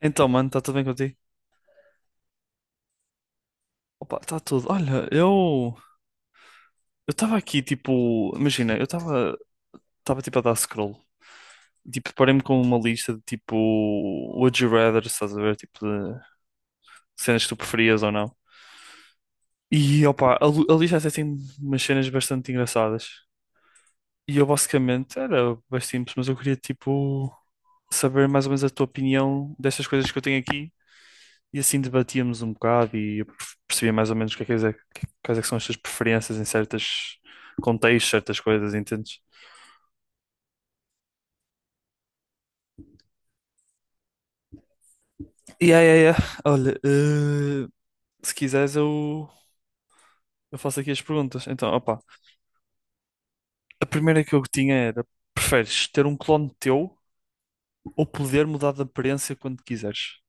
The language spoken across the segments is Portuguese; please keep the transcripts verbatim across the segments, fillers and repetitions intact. Então, mano, está tudo bem contigo? Opa, está tudo. Olha, eu eu estava aqui tipo, imagina, eu estava estava tipo a dar scroll. Tipo, deparei-me com uma lista de tipo Would You Rather, estás a ver, tipo de cenas que tu preferias ou não. E opa, a, lu- a lista até tem umas cenas bastante engraçadas. E eu basicamente era bem simples, mas eu queria tipo saber mais ou menos a tua opinião destas coisas que eu tenho aqui. E assim debatíamos um bocado e eu percebia mais ou menos o que é que, é, quais é que são as tuas preferências em certos contextos, certas coisas, entendes? E aí, aí, aí, olha, eh, se quiseres eu, eu faço aqui as perguntas. Então, opa, a primeira que eu tinha era, preferes ter um clone teu ou poder mudar de aparência quando quiseres?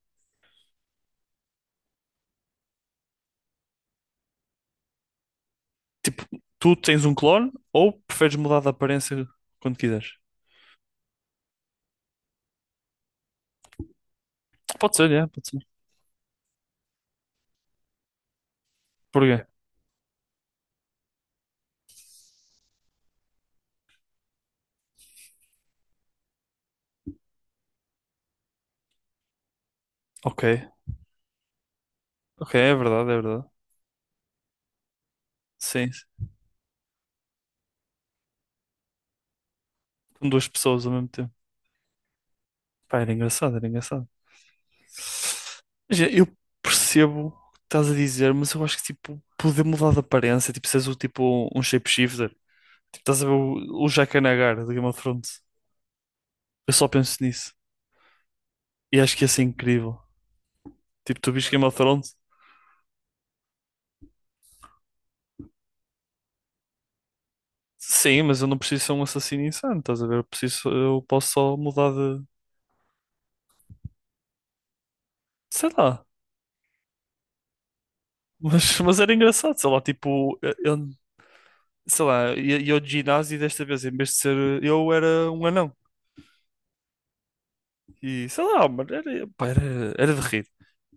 Tu tens um clone ou preferes mudar de aparência quando quiseres? Pode ser, é, pode ser. Porquê? Ok, ok, é verdade, é verdade. Sim, com duas pessoas ao mesmo tempo. Pá, era engraçado, era engraçado. Já, eu percebo o que estás a dizer, mas eu acho que tipo, poder mudar de aparência, tipo, seres o tipo um shapeshifter. Tipo, estás a ver o, o Jack Nagar de Game of Thrones. Eu só penso nisso. E acho que ia ser incrível. Tipo, tu viste Game of Thrones? Sim, mas eu não preciso ser um assassino insano, estás a ver? Eu preciso, eu posso só mudar de. Sei lá. Mas, mas era engraçado, sei lá, tipo, eu- sei lá, ia ia ao ginásio e desta vez, em vez de ser eu, era um anão. E sei lá, mano, era, pá, era, era de rir.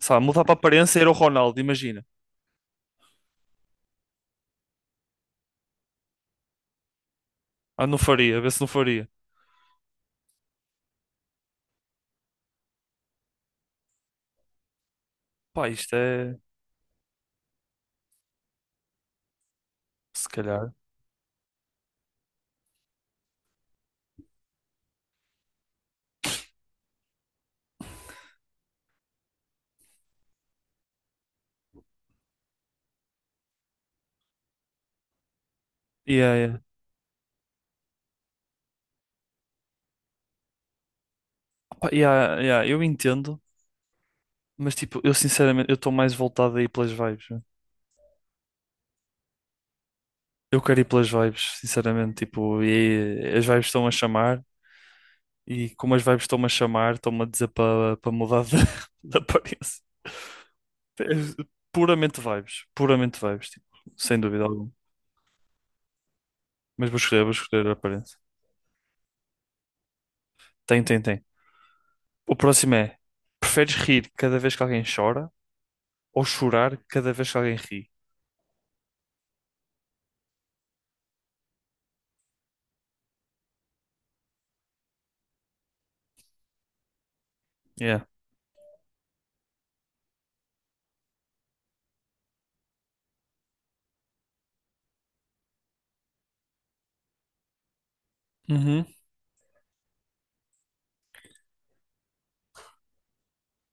Sei lá, mudar para a aparência era o Ronaldo, imagina. Ah, não faria, vê se não faria. Pá, isto é. Se calhar. Yeah, yeah. Pá, yeah, yeah, eu entendo, mas tipo, eu sinceramente, eu estou mais voltado aí pelas vibes, né? Eu quero ir pelas vibes, sinceramente. Tipo, e as vibes estão a chamar, e como as vibes estão-me a chamar, estão-me a dizer para para mudar de, de aparência. É. Puramente vibes, puramente vibes, tipo, sem dúvida alguma. Mas vou escolher, vou escolher a aparência. Tem, tem, tem. O próximo é: preferes rir cada vez que alguém chora ou chorar cada vez que alguém ri? Yeah. Uhum.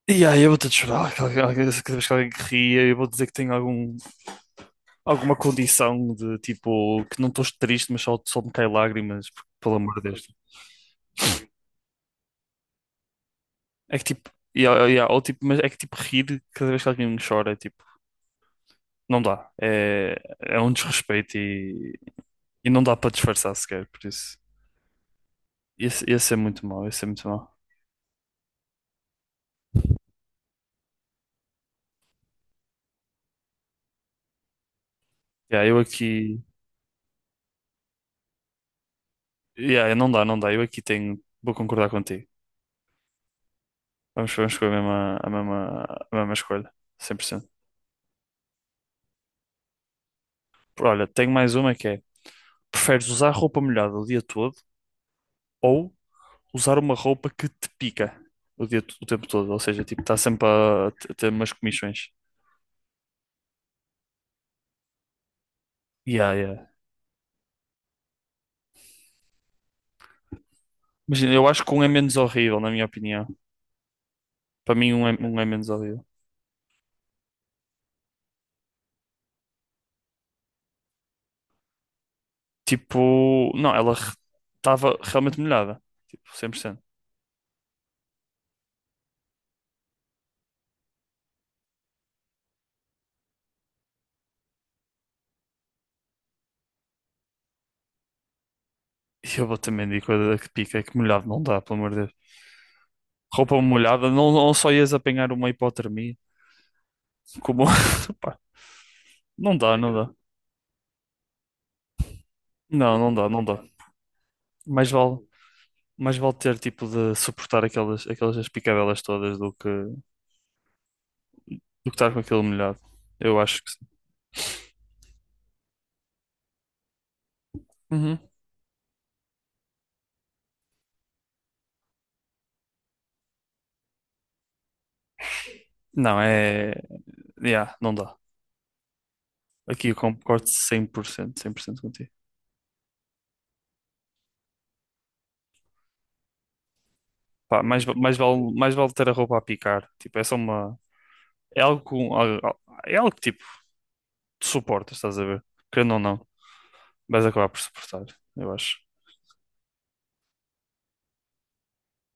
E aí eu vou ter de chorar cada cada vez que alguém ria, eu vou dizer que tenho algum, alguma condição de tipo que não estou triste, mas só, só me caem lágrimas, porque, pelo amor de Deus. É que tipo, yeah, yeah, yeah, ou, tipo, mas é que tipo rir cada vez que alguém chora, é tipo, não dá. É, é um desrespeito e, e não dá para disfarçar sequer, por isso. Esse, esse é muito mau, esse é muito mau. Yeah, eu aqui. Yeah, não dá, não dá. Eu aqui tenho. Vou concordar contigo. Vamos, vamos com a mesma, a mesma, a mesma escolha. cem Por- cento. Olha, tenho mais uma que é: preferes usar roupa molhada o dia todo ou usar uma roupa que te pica o dia, to- o tempo todo? Ou seja, tipo, está sempre a, t- ter umas comichões. Yeah, yeah. Imagina, eu acho que um é menos horrível, na minha opinião. Para mim, um é, um é menos horrível. Tipo, não, ela estava realmente molhada. Tipo, cem por cento. E eu vou também dizer coisa que pica, é que molhado não dá, pelo amor de roupa molhada, não, não só ias apanhar uma hipotermia, como pá, não dá, não dá. Não, não dá, não dá. Mais vale, mais vale ter tipo de suportar aquelas, aquelas picabelas todas do que do que estar com aquilo molhado. Eu acho que sim. Uhum. Não, é. Yeah, não dá. Aqui eu concordo cem por cento, cem por cento contigo. Pá, mais, va- mais vale, mais vale ter a roupa a picar. Tipo, é só uma. É algo, com- al- al- é algo que tipo, tu suportas, estás a ver? Querendo ou não, vais acabar por suportar, eu acho.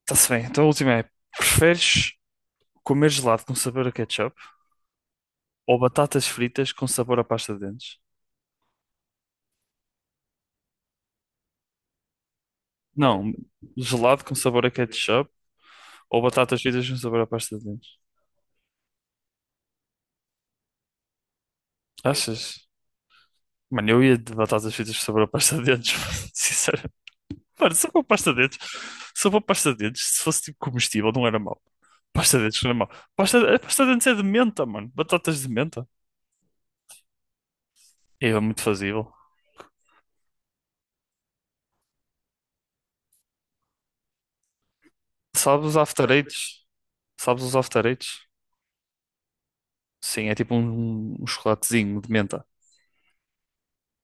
Está-se bem. Então a última é: preferes comer gelado com sabor a ketchup ou batatas fritas com sabor a pasta de dentes? Não, gelado com sabor a ketchup ou batatas fritas com sabor a pasta de dentes? Achas? Mano, eu ia de batatas fritas com sabor a pasta de dentes, sinceramente. Mano, só para pasta de dentes. Só para pasta de dentes, se fosse tipo comestível, não era mau. Pasta de dentes não era mau. Pasta, a pasta de dentes é de menta, mano. Batatas de menta. É muito fazível. Sabes os After Eights? Sabes os After Eights? Sim, é tipo um, um chocolatezinho de menta.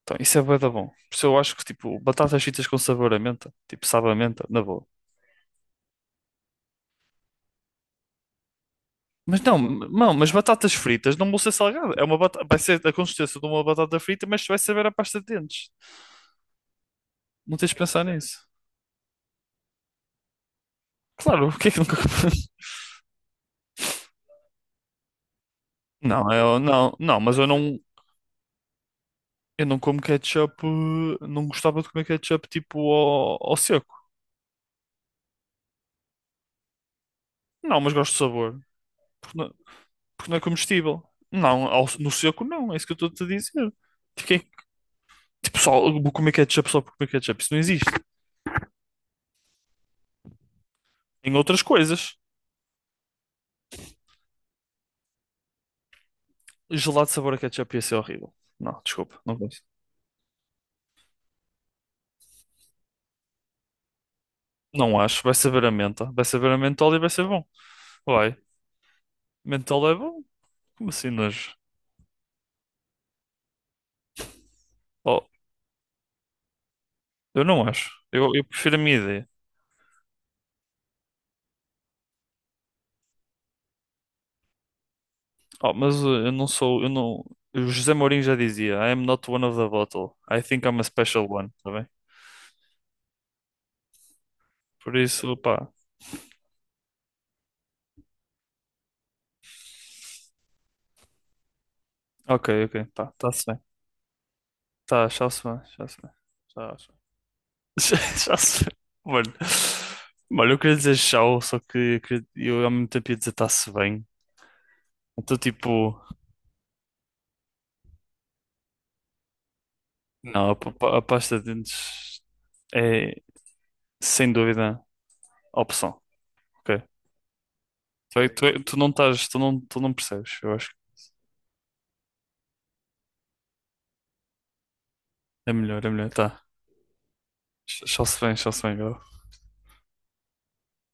Então, isso é bué da bom. Por isso eu acho que, tipo, batatas fritas com sabor a menta. Tipo, sabe a menta, na boa. Mas não, m- não, mas batatas fritas não vão ser salgadas. É uma batata, vai ser a consistência de uma batata frita, mas vai saber a pasta de dentes. Não tens de pensar nisso. Claro, o que é que nunca... Não, eu não, não, mas eu não, eu não como ketchup, eh, não gostava de comer ketchup tipo ao, ao seco. Não, mas gosto de sabor, porque não, porque não é comestível. Não, ao- no seco não, é isso que eu estou-te a dizer. Tipo, só vou comer ketchup só por comer ketchup. Isso não existe. Em outras coisas, gelado de sabor a ketchup ia ser horrível. Não, desculpa, não gosto. Não acho. Vai saber a menta. Vai saber a mentol e vai ser bom. Vai. Mentol é bom? Como assim nojo? Oh, eu não acho. Eu, eu prefiro a minha ideia. Oh, mas uh, eu não sou. Eu não. O José Mourinho já dizia: "I am not one of the bottle. I think I'm a special one." Tá bem? Por isso, pá. Ok, ok. Pá, tá-se bem. Tá, tchau-se bem. Tchau-se bem. Tchau. Já, já se... Mano. Mano, eu queria dizer tchau, só que eu, queria- eu ao mesmo tempo ia dizer está-se bem. Então, tipo, não, a, pa- a pasta de dentes é sem dúvida a opção, ok? Tu, é- tu, é- tu não estás, tu não, tu não percebes, eu acho que é melhor, é melhor, tá. Tchau-se bem, tchau-se bem, Gal.